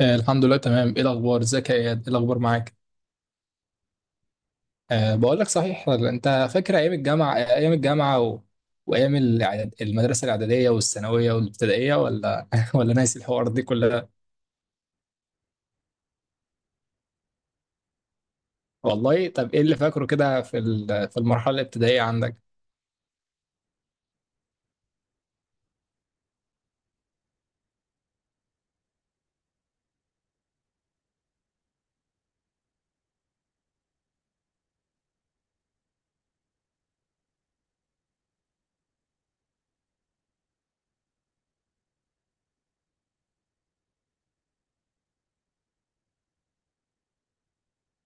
الحمد لله تمام. ايه الاخبار؟ ازيك يا اياد؟ ايه الاخبار معاك؟ أه، بقول لك صحيح، انت فاكر ايام الجامعه؟ وايام المدرسه الاعداديه والثانويه والابتدائيه، ولا ولا ناسي الحوار دي كلها؟ والله. طب ايه اللي فاكره كده في المرحله الابتدائيه عندك؟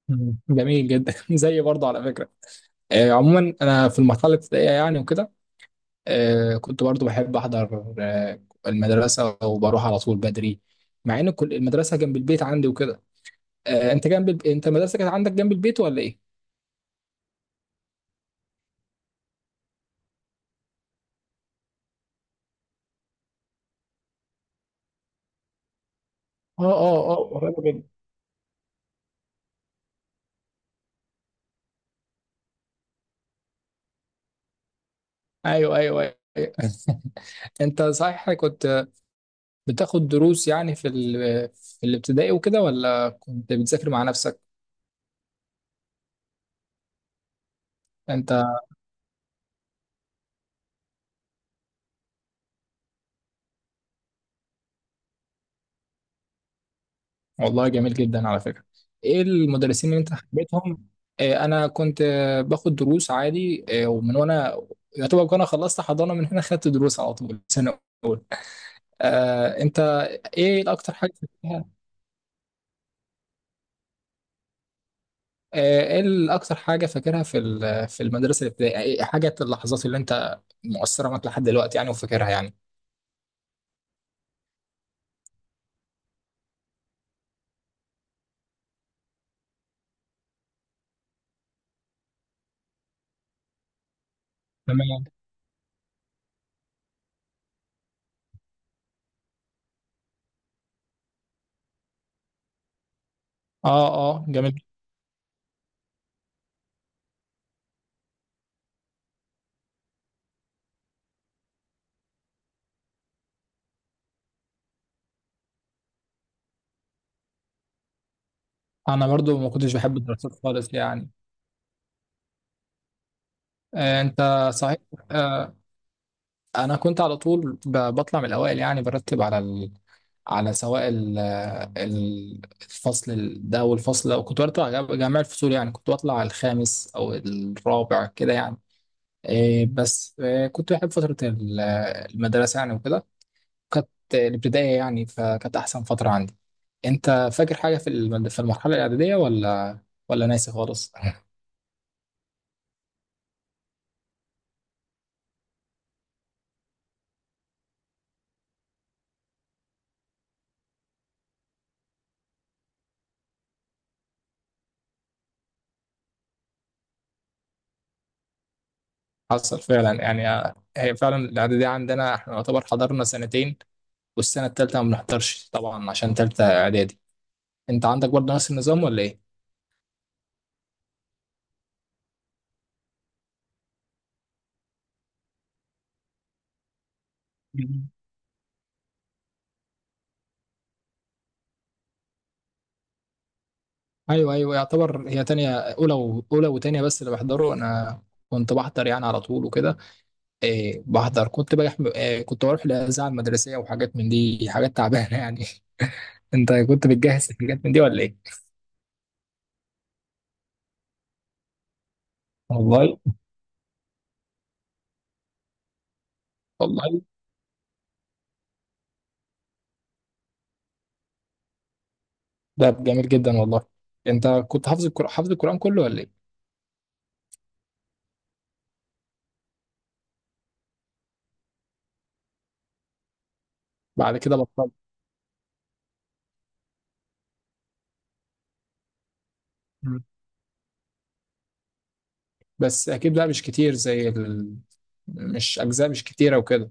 مم. جميل جدا. زي برضه على فكره. عموما انا في المرحله الابتدائيه يعني وكده. كنت برضه بحب احضر المدرسه، وبروح على طول بدري، مع ان كل المدرسه جنب البيت عندي وكده. انت انت المدرسه كانت عندك جنب البيت ولا ايه؟ اه اه اه، قريبه جدا. ايوه ايوه ايوه. انت صحيح كنت بتاخد دروس يعني في الابتدائي وكده، ولا كنت بتذاكر مع نفسك؟ انت. والله جميل جدا على فكره. ايه المدرسين اللي انت حبيتهم؟ انا كنت باخد دروس عادي، ومن وانا يعتبر انا خلصت حضانه، من هنا خدت دروس على طول سنه. انت ايه الاكتر حاجه فاكرها؟ ايه الاكتر حاجه فاكرها في المدرسه الابتدائيه؟ إيه حاجه اللحظات اللي انت مؤثره معاك لحد دلوقتي يعني وفاكرها يعني؟ تمام. اه. اه جميل. انا برضو ما كنتش بحب الدراسات خالص يعني. انت صحيح. آه، انا كنت على طول بطلع من الاوائل، يعني برتب على سواء الفصل ده والفصل ده، وكنت بطلع جميع الفصول، يعني كنت بطلع الخامس او الرابع كده يعني. بس كنت بحب فتره المدرسه يعني وكده. كانت الابتدائية يعني، فكانت أحسن فترة عندي. أنت فاكر حاجة في في المرحلة الإعدادية، ولا ولا ناسي خالص؟ حصل فعلا يعني. هي فعلا الإعدادية عندنا إحنا نعتبر حضرنا سنتين، والسنة التالتة ما بنحضرش طبعا عشان تالتة إعدادي. أنت عندك برضه نفس النظام ولا إيه؟ مم. أيوه أيوه، يعتبر هي تانية أولى أولى وتانية، بس اللي بحضره أنا كنت بحضر يعني على طول وكده. إيه بحضر، كنت بروح إيه، كنت بروح الإذاعة المدرسية وحاجات من دي، حاجات تعبانة يعني. انت كنت بتجهز حاجات من دي ولا ايه؟ والله. والله. ده جميل جدا والله. انت كنت حافظ القرآن، حافظ القرآن كله ولا ايه؟ بعد كده بطلت. مم. بس اكيد بقى مش كتير مش اجزاء مش كتيرة وكده.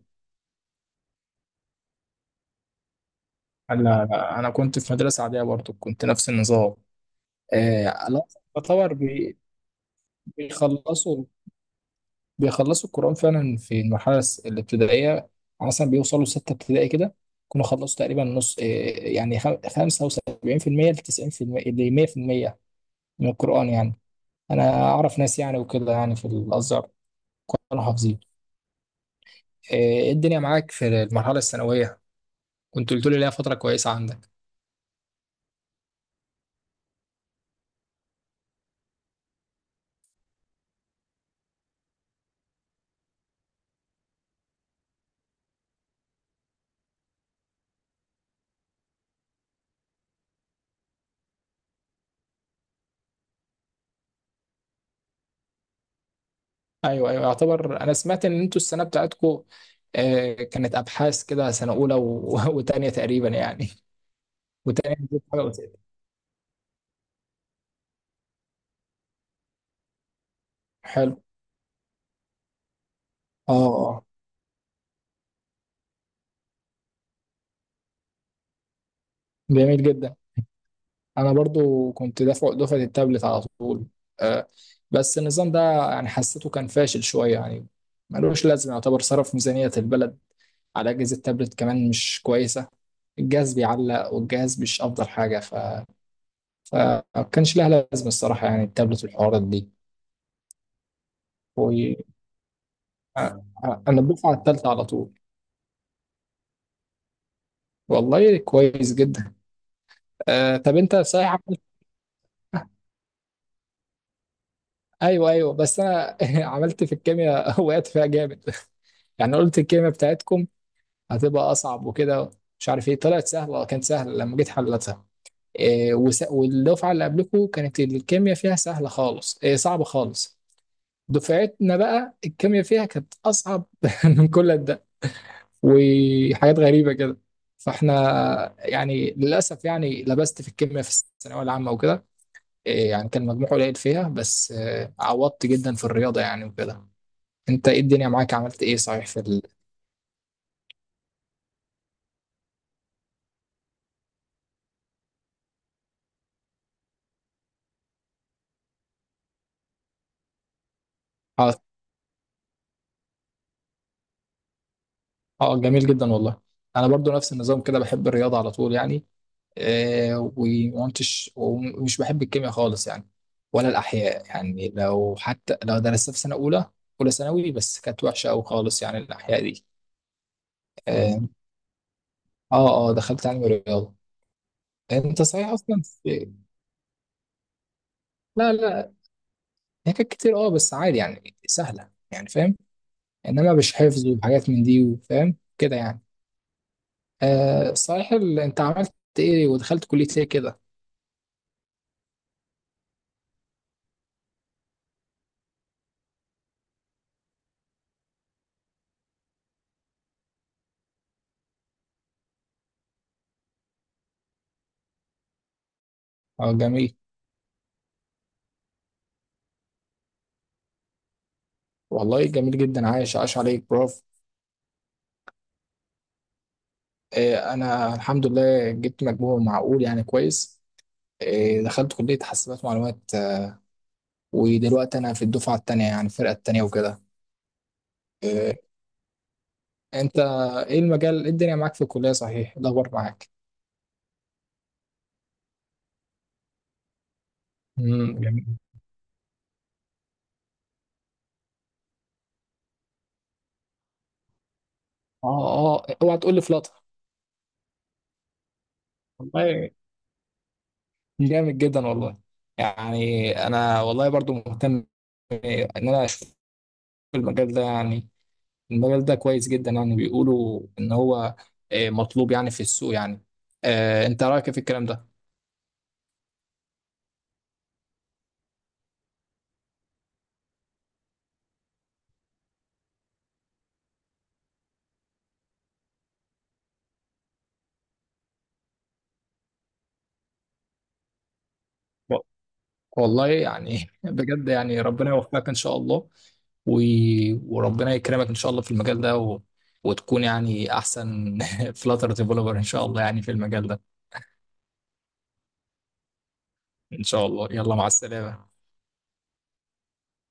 انا انا كنت في مدرسة عادية برضه، كنت نفس النظام. آه لا. يعتبر بيخلصوا بيخلصوا القرآن فعلا في المرحلة الابتدائية، مثلا بيوصلوا ستة ابتدائي كده يكونوا خلصوا تقريبا نص إيه، يعني 75% ل 90% ل 100% من القرآن يعني. أنا أعرف ناس يعني وكده يعني في الأزهر كانوا حافظين. إيه إيه الدنيا معاك في المرحلة الثانوية؟ كنت قلت لي ليها فترة كويسة عندك. أيوه أيوه، يعتبر أنا سمعت إن أنتوا السنة بتاعتكم كانت أبحاث كده، سنة أولى وتانية تقريبا يعني. وتانية نزلت حاجة، وتالتة. حلو. اه جميل جدا. انا برضو كنت دفعه التابلت على طول. آه، بس النظام ده يعني حسيته كان فاشل شويه يعني، ملوش لازمه، يعتبر صرف ميزانيه البلد على اجهزه تابلت كمان مش كويسه، الجهاز بيعلق، والجهاز مش افضل حاجه. فما كانش لها لازمه الصراحه، يعني التابلت والحوارات دي. و... انا الدفعه الثالثه على طول. والله كويس جدا. طب انت صحيح عملت ايوه ايوه، بس انا عملت في الكيمياء، وقعت فيها جامد. يعني قلت الكلمة بتاعتكم هتبقى أصعب وكده، مش عارف إيه، طلعت سهلة، كانت سهلة لما جيت حلتها. إيه والدفعة اللي قبلكم كانت الكيمياء فيها سهلة خالص، إيه صعبة خالص، دفعتنا بقى الكيمياء فيها كانت أصعب من كل ده، وحاجات غريبة كده. فاحنا يعني للأسف يعني لبست في الكيمياء في الثانوية العامة وكده. إيه، يعني كان مجموع قليل فيها، بس إيه عوضت جدا في الرياضة يعني وكده. انت ايه الدنيا معاك، عملت ايه صحيح اه جميل جدا والله. انا برضو نفس النظام كده، بحب الرياضه على طول يعني، ومش بحب الكيمياء خالص يعني، ولا الاحياء يعني، لو حتى لو درستها في سنه اولى اولى ثانوي، بس كانت وحشه قوي خالص يعني الاحياء دي. اه. اه دخلت علم الرياضه. انت صحيح لا لا، هي كانت كتير اه، بس عادي يعني سهله يعني فاهم، انما مش حفظ وحاجات من دي، وفاهم كده يعني. آه صحيح انت عملت ايه ودخلت كليه ايه كده؟ اه جميل. والله جميل جدا، عايش عاش عليك براف. انا الحمد لله جبت مجموع معقول يعني كويس، دخلت كلية حاسبات معلومات، ودلوقتي انا في الدفعة التانية يعني الفرقة التانية وكده. آه، انت ايه المجال، إيه الدنيا معاك في الكلية صحيح؟ إيه الاخبار معاك؟ جميل. اه اه اوعى تقول لي فلاتر. والله جامد جدا والله. يعني انا والله برضو مهتم ان انا اشوف المجال ده يعني. المجال ده كويس جدا يعني، بيقولوا ان هو مطلوب يعني في السوق يعني. انت رايك إيه في الكلام ده؟ و- والله يعني بجد يعني ربنا يوفقك ان شاء الله، و... وربنا يكرمك ان شاء الله في المجال ده، و... وتكون يعني احسن فلاتر ديفلوبر ان شاء الله يعني في المجال ده. ان شاء الله، يلا مع السلامة.